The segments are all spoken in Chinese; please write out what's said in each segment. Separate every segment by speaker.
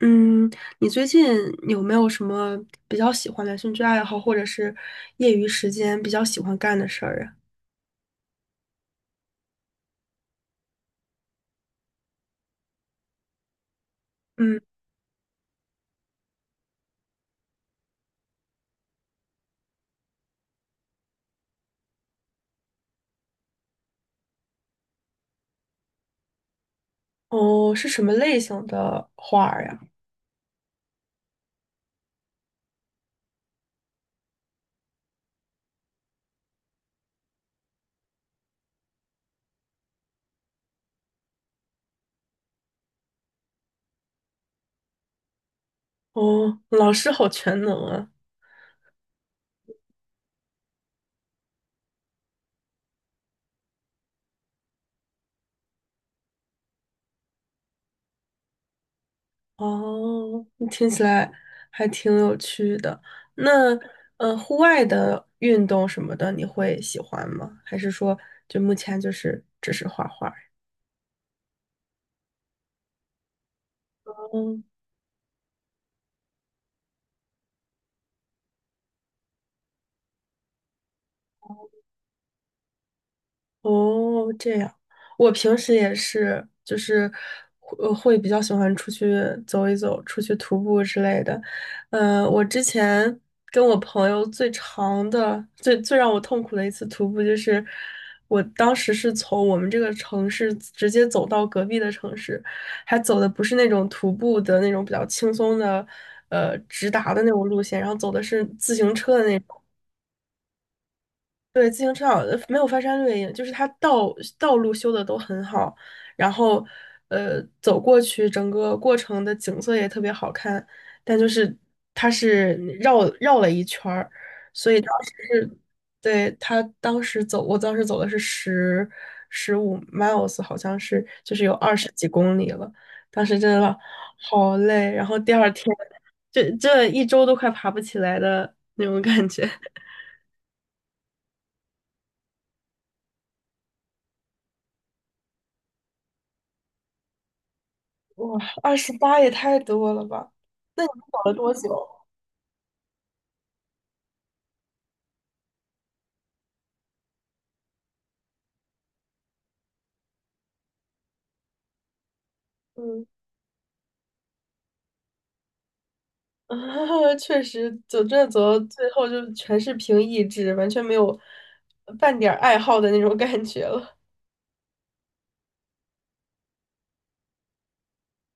Speaker 1: 嗯，你最近有没有什么比较喜欢的兴趣爱好，或者是业余时间比较喜欢干的事儿啊？嗯，哦，是什么类型的画儿呀？哦，老师好全能啊！哦，听起来还挺有趣的。那，户外的运动什么的，你会喜欢吗？还是说，就目前就是只是画画？嗯。哦，这样，我平时也是，就是会比较喜欢出去走一走，出去徒步之类的。嗯、我之前跟我朋友最长的、最最让我痛苦的一次徒步，就是我当时是从我们这个城市直接走到隔壁的城市，还走的不是那种徒步的那种比较轻松的，直达的那种路线，然后走的是自行车的那种。对，自行车好，没有翻山越岭，就是它道路修的都很好，然后走过去，整个过程的景色也特别好看，但就是它是绕了一圈儿，所以当时是，对，他当时走，我当时走的是十五 miles，好像是就是有二十几公里了，当时真的好累，然后第二天这一周都快爬不起来的那种感觉。哇，28也太多了吧？那你们搞了多久？嗯，确实，走这走，到最后就全是凭意志，完全没有半点儿爱好的那种感觉了。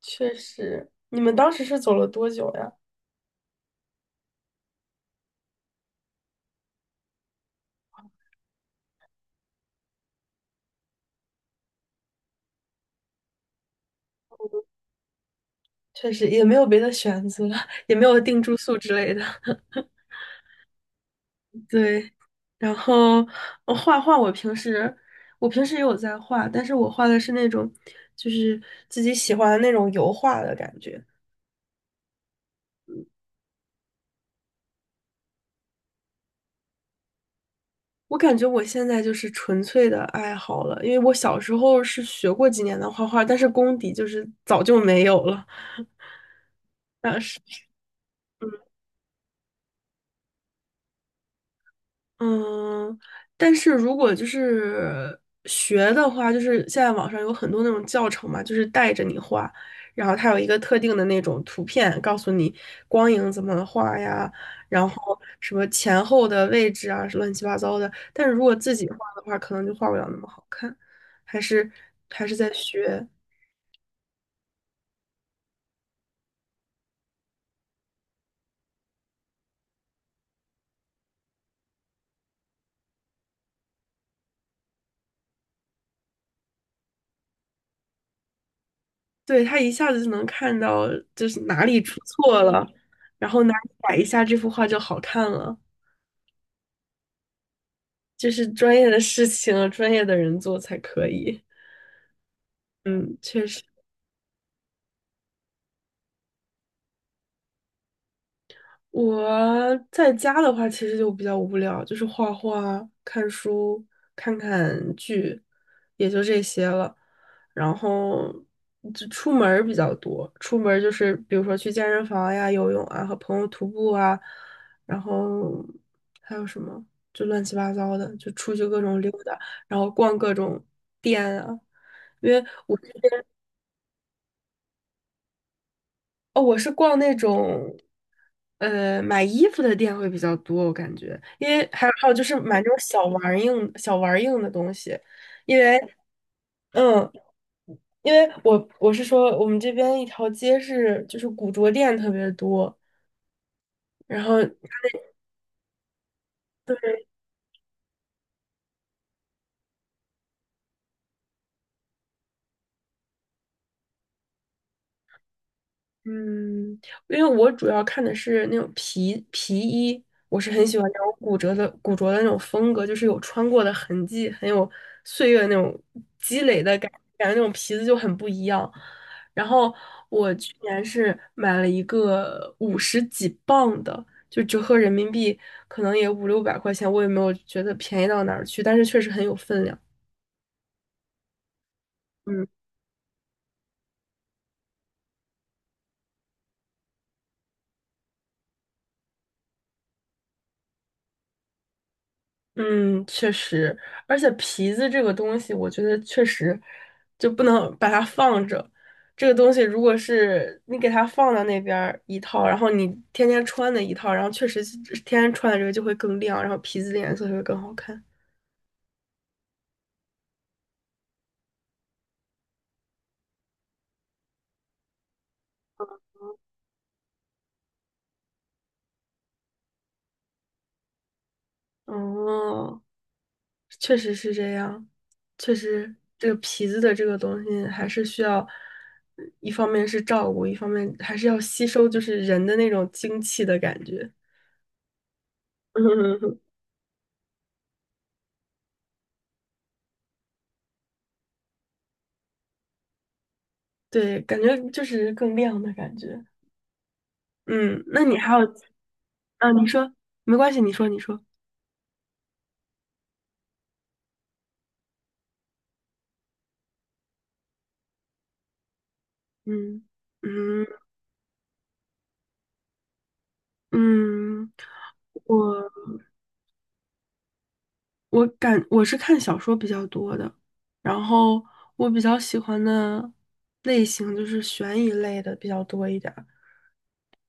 Speaker 1: 确实，你们当时是走了多久呀？确实也没有别的选择，也没有定住宿之类的。对，然后画画，我平时也有在画，但是我画的是那种就是自己喜欢的那种油画的感觉。我感觉我现在就是纯粹的爱好了，因为我小时候是学过几年的画画，但是功底就是早就没有了。但是，嗯，但是如果就是学的话，就是现在网上有很多那种教程嘛，就是带着你画，然后它有一个特定的那种图片，告诉你光影怎么画呀，然后什么前后的位置啊，乱七八糟的。但是如果自己画的话，可能就画不了那么好看，还是还是在学。对，他一下子就能看到就是哪里出错了，然后哪里改一下，这幅画就好看了。这是专业的事情，专业的人做才可以。嗯，确实。我在家的话，其实就比较无聊，就是画画、看书、看看剧，也就这些了。然后就出门儿比较多，出门儿就是比如说去健身房呀、游泳啊，和朋友徒步啊，然后还有什么就乱七八糟的，就出去各种溜达，然后逛各种店啊。因为我。哦，我是逛那种，买衣服的店会比较多，我感觉，因为还有就是买那种小玩儿硬的东西，因为，嗯，因为我是说我们这边一条街是就是古着店特别多，然后。嗯，因为我主要看的是那种皮衣，我是很喜欢那种古着的那种风格，就是有穿过的痕迹，很有岁月那种积累的感觉，那种皮子就很不一样。然后我去年是买了一个五十几磅的，就折合人民币可能也五六百块钱，我也没有觉得便宜到哪儿去，但是确实很有分量。嗯。嗯，确实，而且皮子这个东西，我觉得确实就不能把它放着。这个东西如果是你给它放到那边儿一套，然后你天天穿的一套，然后确实是天天穿的这个就会更亮，然后皮子的颜色就会更好看。哦，确实是这样，确实这个皮子的这个东西还是需要，一方面是照顾，一方面还是要吸收就是人的那种精气的感觉。对，感觉就是更亮的感觉。嗯，那你还有啊？你说没关系，你说你说。嗯嗯嗯，我我是看小说比较多的，然后我比较喜欢的类型就是悬疑类的比较多一点儿。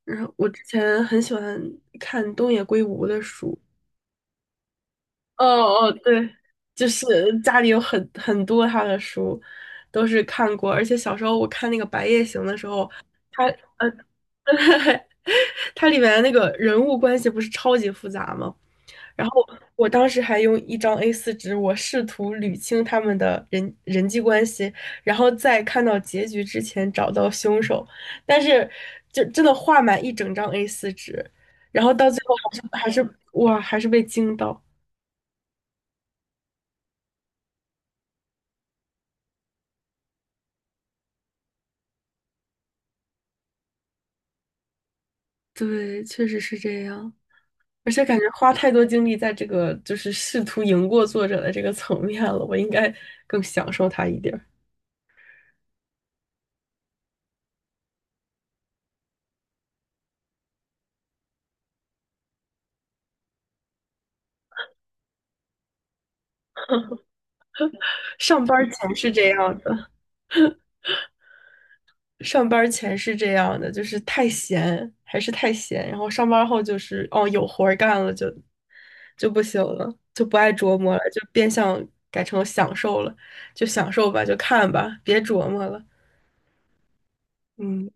Speaker 1: 然后我之前很喜欢看东野圭吾的书，哦哦，对，就是家里有很多他的书，都是看过，而且小时候我看那个《白夜行》的时候，他呃，它里面那个人物关系不是超级复杂吗？然后我当时还用一张 a 四纸，我试图捋清他们的人际关系，然后在看到结局之前找到凶手，但是就真的画满一整张 a 四纸，然后到最后还是哇，还是被惊到。对，确实是这样。而且感觉花太多精力在这个就是试图赢过作者的这个层面了，我应该更享受它一点儿。上班儿前是这样的，上班儿前是这样的，就是太闲还是太闲，然后上班儿后就是哦有活儿干了就不行了，就不爱琢磨了，就变相改成享受了，就享受吧，就看吧，别琢磨了。嗯。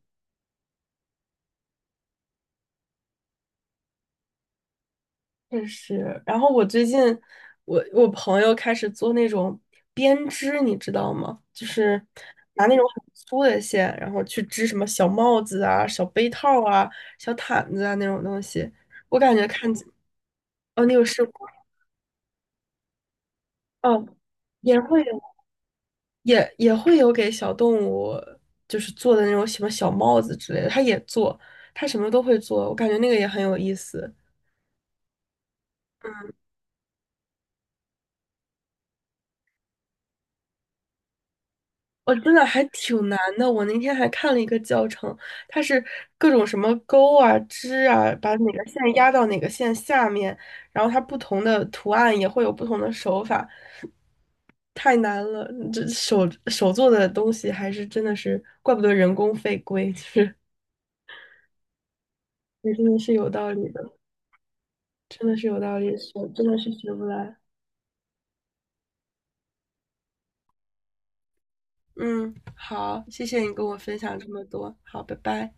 Speaker 1: 确实，然后我最近，我朋友开始做那种编织，你知道吗？就是拿那种很粗的线，然后去织什么小帽子啊、小杯套啊、小毯子啊那种东西。我感觉看起，哦，你有试过？哦，也会有，也会有给小动物，就是做的那种什么小帽子之类的，他也做，他什么都会做，我感觉那个也很有意思。我真的还挺难的。我那天还看了一个教程，它是各种什么钩啊、织啊，把哪个线压到哪个线下面，然后它不同的图案也会有不同的手法，太难了。这手做的东西还是真的是，怪不得人工费贵，就是也真的是有道理的，真的是有道理，学真的是学不来。嗯，好，谢谢你跟我分享这么多，好，拜拜。